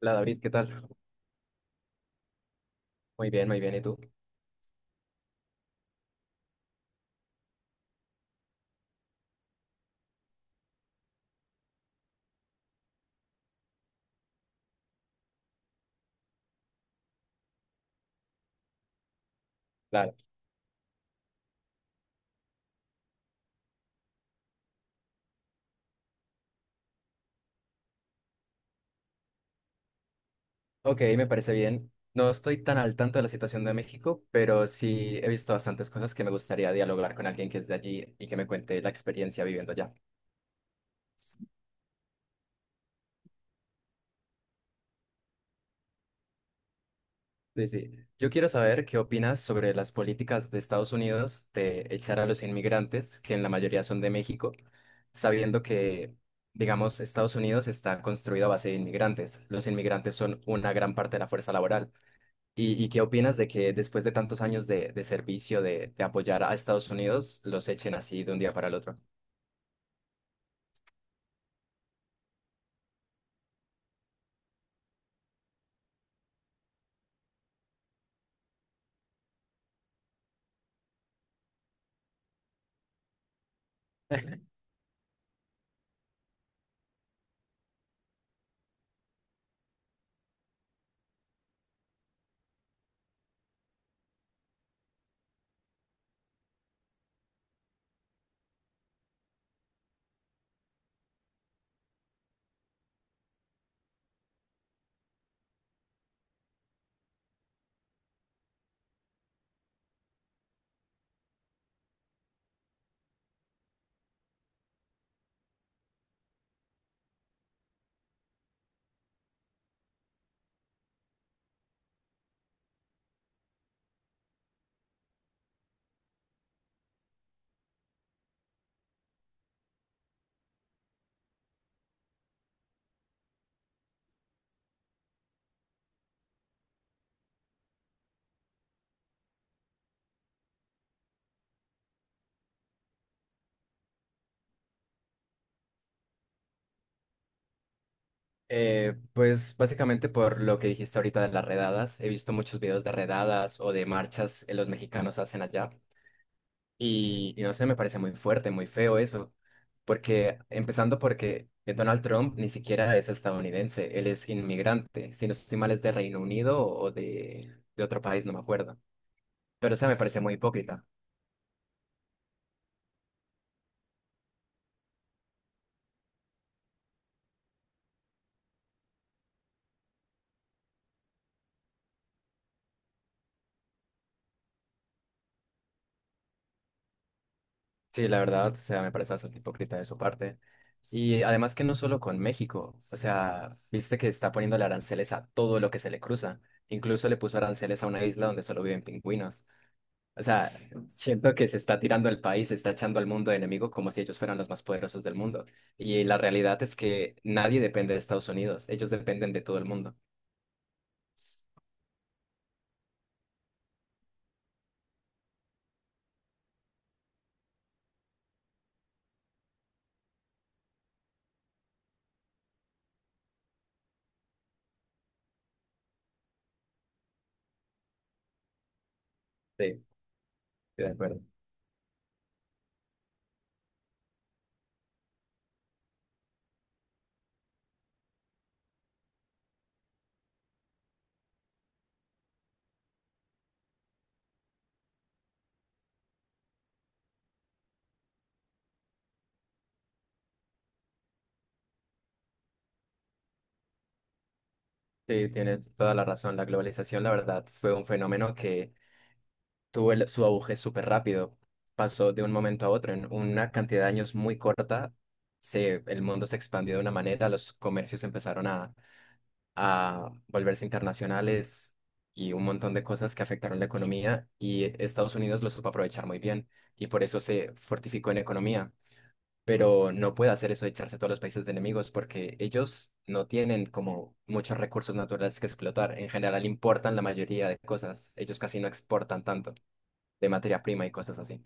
La David, ¿qué tal? Muy bien, muy bien. ¿Y tú? Claro. Ok, me parece bien. No estoy tan al tanto de la situación de México, pero sí he visto bastantes cosas que me gustaría dialogar con alguien que es de allí y que me cuente la experiencia viviendo allá. Sí, sí. Yo quiero saber qué opinas sobre las políticas de Estados Unidos de echar a los inmigrantes, que en la mayoría son de México, sabiendo que, digamos, Estados Unidos está construido a base de inmigrantes. Los inmigrantes son una gran parte de la fuerza laboral. ¿Y qué opinas de que después de tantos años de servicio, de apoyar a Estados Unidos, los echen así de un día para el otro? Pues básicamente por lo que dijiste ahorita de las redadas, he visto muchos videos de redadas o de marchas que los mexicanos hacen allá y no sé, me parece muy fuerte, muy feo eso, porque empezando porque Donald Trump ni siquiera es estadounidense, él es inmigrante, si no estoy mal es de Reino Unido o de otro país, no me acuerdo. Pero esa me parece muy hipócrita. Sí, la verdad, o sea, me parece bastante hipócrita de su parte. Y además que no solo con México, o sea, viste que está poniendo aranceles a todo lo que se le cruza. Incluso le puso aranceles a una isla donde solo viven pingüinos. O sea, siento que se está tirando el país, se está echando al mundo de enemigo como si ellos fueran los más poderosos del mundo. Y la realidad es que nadie depende de Estados Unidos, ellos dependen de todo el mundo. Sí, estoy de acuerdo. Sí, tienes toda la razón. La globalización, la verdad, fue un fenómeno que tuvo su auge súper rápido. Pasó de un momento a otro. En una cantidad de años muy corta, se, el mundo se expandió de una manera, los comercios empezaron a volverse internacionales y un montón de cosas que afectaron la economía y Estados Unidos lo supo aprovechar muy bien y por eso se fortificó en economía. Pero no puede hacer eso de echarse a todos los países de enemigos porque ellos no tienen como muchos recursos naturales que explotar. En general importan la mayoría de cosas. Ellos casi no exportan tanto de materia prima y cosas así.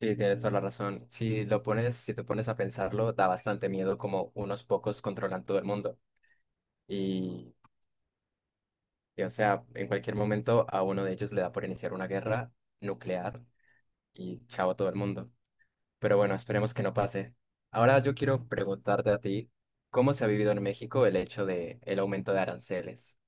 Sí, tienes toda la razón. Si lo pones, si te pones a pensarlo, da bastante miedo como unos pocos controlan todo el mundo. Y Y, o sea, en cualquier momento a uno de ellos le da por iniciar una guerra nuclear y chao a todo el mundo. Pero bueno, esperemos que no pase. Ahora yo quiero preguntarte a ti, ¿cómo se ha vivido en México el hecho de el aumento de aranceles?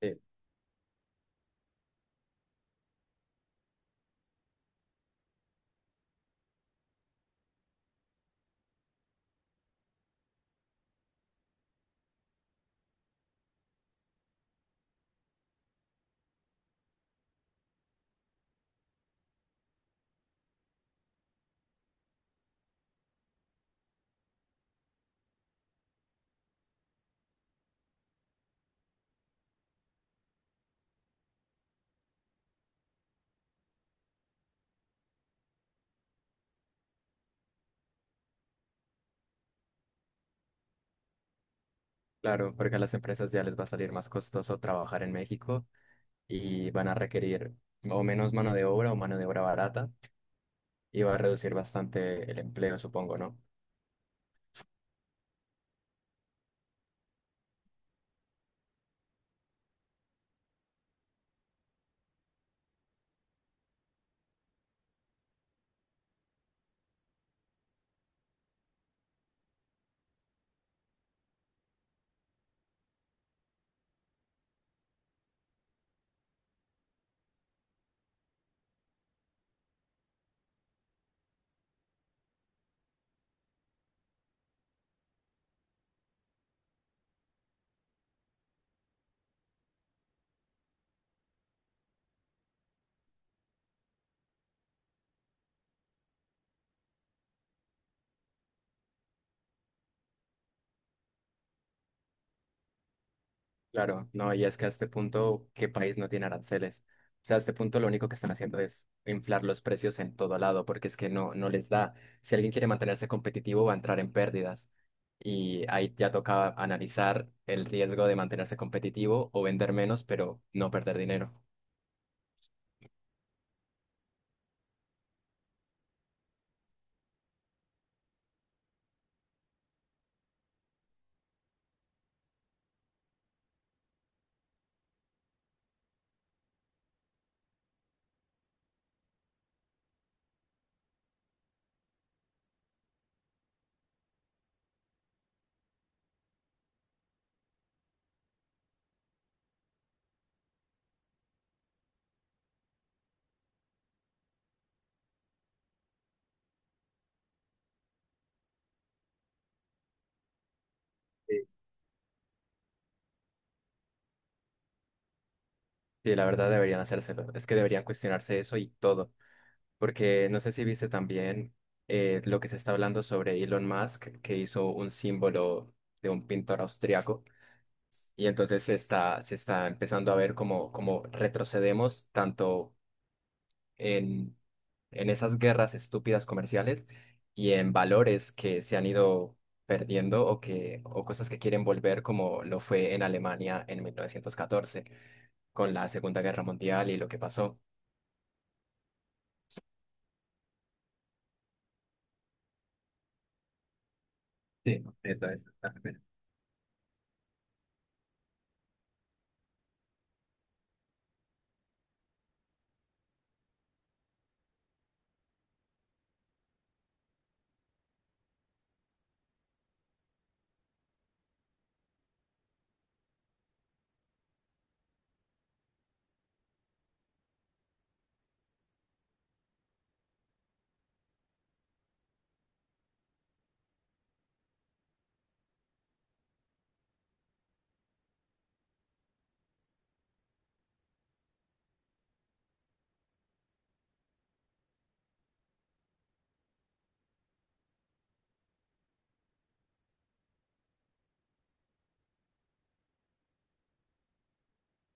Sí, claro, porque a las empresas ya les va a salir más costoso trabajar en México y van a requerir o menos mano de obra o mano de obra barata y va a reducir bastante el empleo, supongo, ¿no? Claro, no, y es que a este punto, ¿qué país no tiene aranceles? O sea, a este punto lo único que están haciendo es inflar los precios en todo lado, porque es que no, no les da. Si alguien quiere mantenerse competitivo, va a entrar en pérdidas. Y ahí ya toca analizar el riesgo de mantenerse competitivo o vender menos, pero no perder dinero. Sí, sí, la verdad deberían hacérselo. Es que deberían cuestionarse eso y todo. Porque no sé si viste también lo que se está hablando sobre Elon Musk, que hizo un símbolo de un pintor austriaco. Y entonces se está empezando a ver cómo, cómo retrocedemos tanto en, en esas guerras estúpidas comerciales y en valores que se han ido perdiendo o, que, o cosas que quieren volver como lo fue en Alemania en 1914 con la Segunda Guerra Mundial y lo que pasó. Sí, eso es.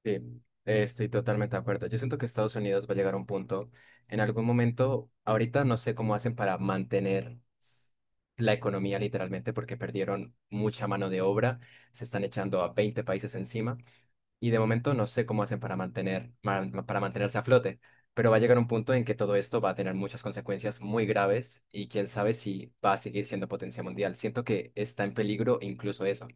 Sí, estoy totalmente de acuerdo. Yo siento que Estados Unidos va a llegar a un punto, en algún momento, ahorita no sé cómo hacen para mantener la economía literalmente porque perdieron mucha mano de obra, se están echando a 20 países encima y de momento no sé cómo hacen para mantener, para mantenerse a flote, pero va a llegar un punto en que todo esto va a tener muchas consecuencias muy graves y quién sabe si va a seguir siendo potencia mundial. Siento que está en peligro incluso eso.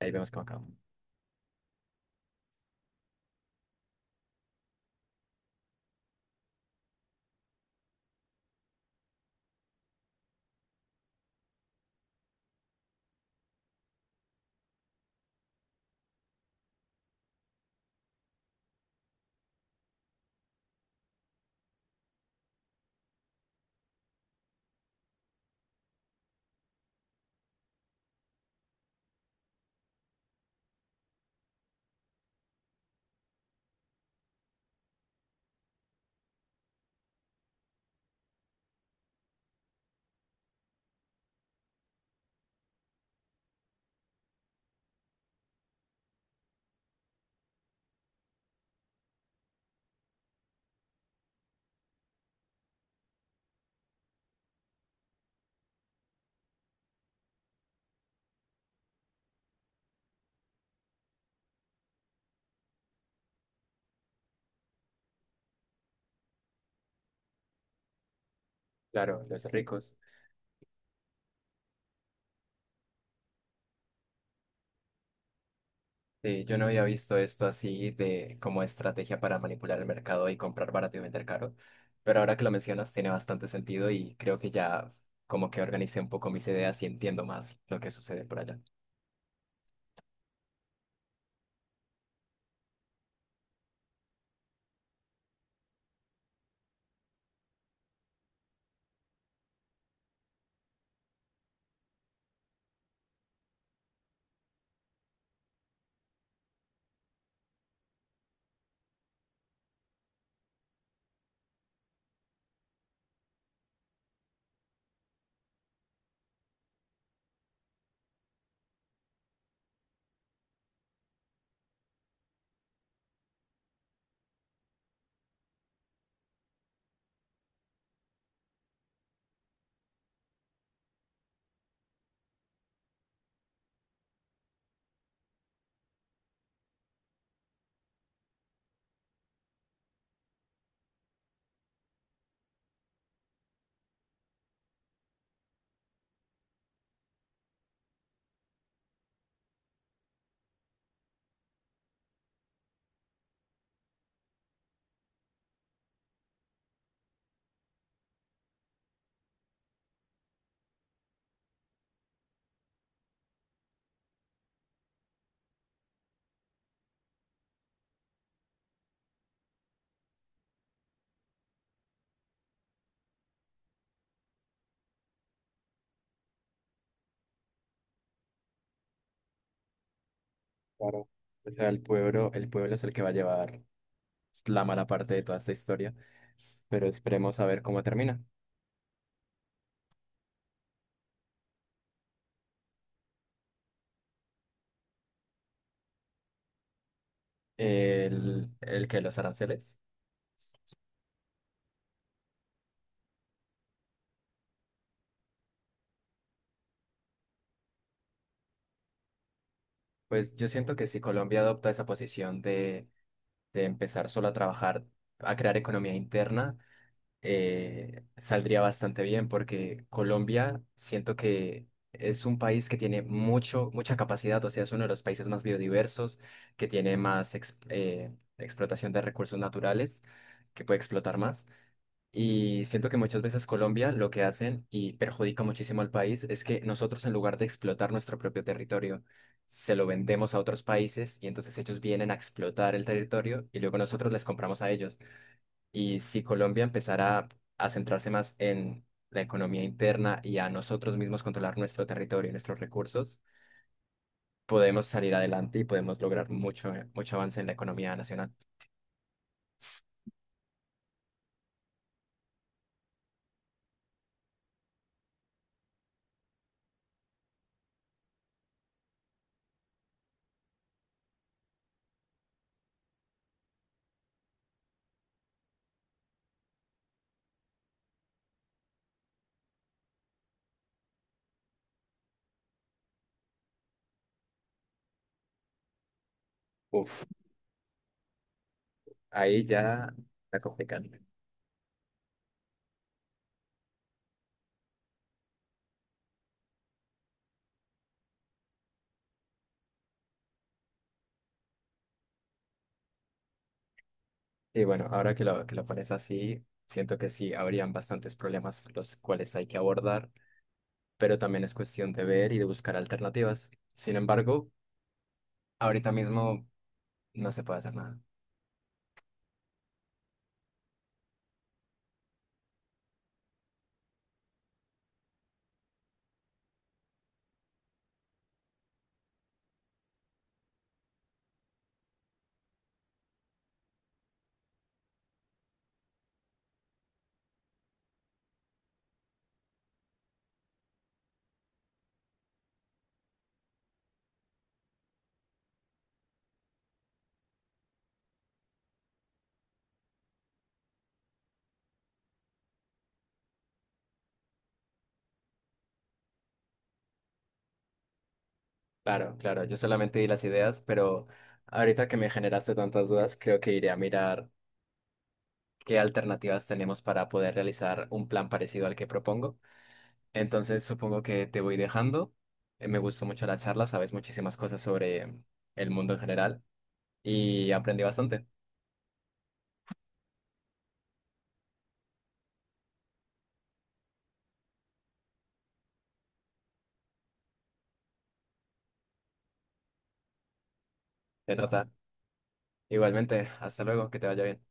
Ahí vemos cómo acaba. Claro, los ricos. Sí, yo no había visto esto así de como estrategia para manipular el mercado y comprar barato y vender caro, pero ahora que lo mencionas tiene bastante sentido y creo que ya como que organicé un poco mis ideas y entiendo más lo que sucede por allá. Claro. O sea, el pueblo es el que va a llevar la mala parte de toda esta historia, pero esperemos a ver cómo termina. El que los aranceles. Pues yo siento que si Colombia adopta esa posición de empezar solo a trabajar, a crear economía interna, saldría bastante bien porque Colombia siento que es un país que tiene mucho, mucha capacidad, o sea, es uno de los países más biodiversos, que tiene más explotación de recursos naturales, que puede explotar más. Y siento que muchas veces Colombia lo que hacen y perjudica muchísimo al país es que nosotros en lugar de explotar nuestro propio territorio, se lo vendemos a otros países y entonces ellos vienen a explotar el territorio y luego nosotros les compramos a ellos. Y si Colombia empezara a centrarse más en la economía interna y a nosotros mismos controlar nuestro territorio y nuestros recursos, podemos salir adelante y podemos lograr mucho, mucho avance en la economía nacional. Uf, ahí ya está complicado. Y bueno, ahora que lo pones así, siento que sí, habrían bastantes problemas los cuales hay que abordar, pero también es cuestión de ver y de buscar alternativas. Sin embargo, ahorita mismo no se puede hacer nada. Claro, claro, yo solamente di las ideas, pero ahorita que me generaste tantas dudas, creo que iré a mirar qué alternativas tenemos para poder realizar un plan parecido al que propongo. Entonces, supongo que te voy dejando. Me gustó mucho la charla, sabes muchísimas cosas sobre el mundo en general y aprendí bastante. De nota. Igualmente, hasta luego, que te vaya bien.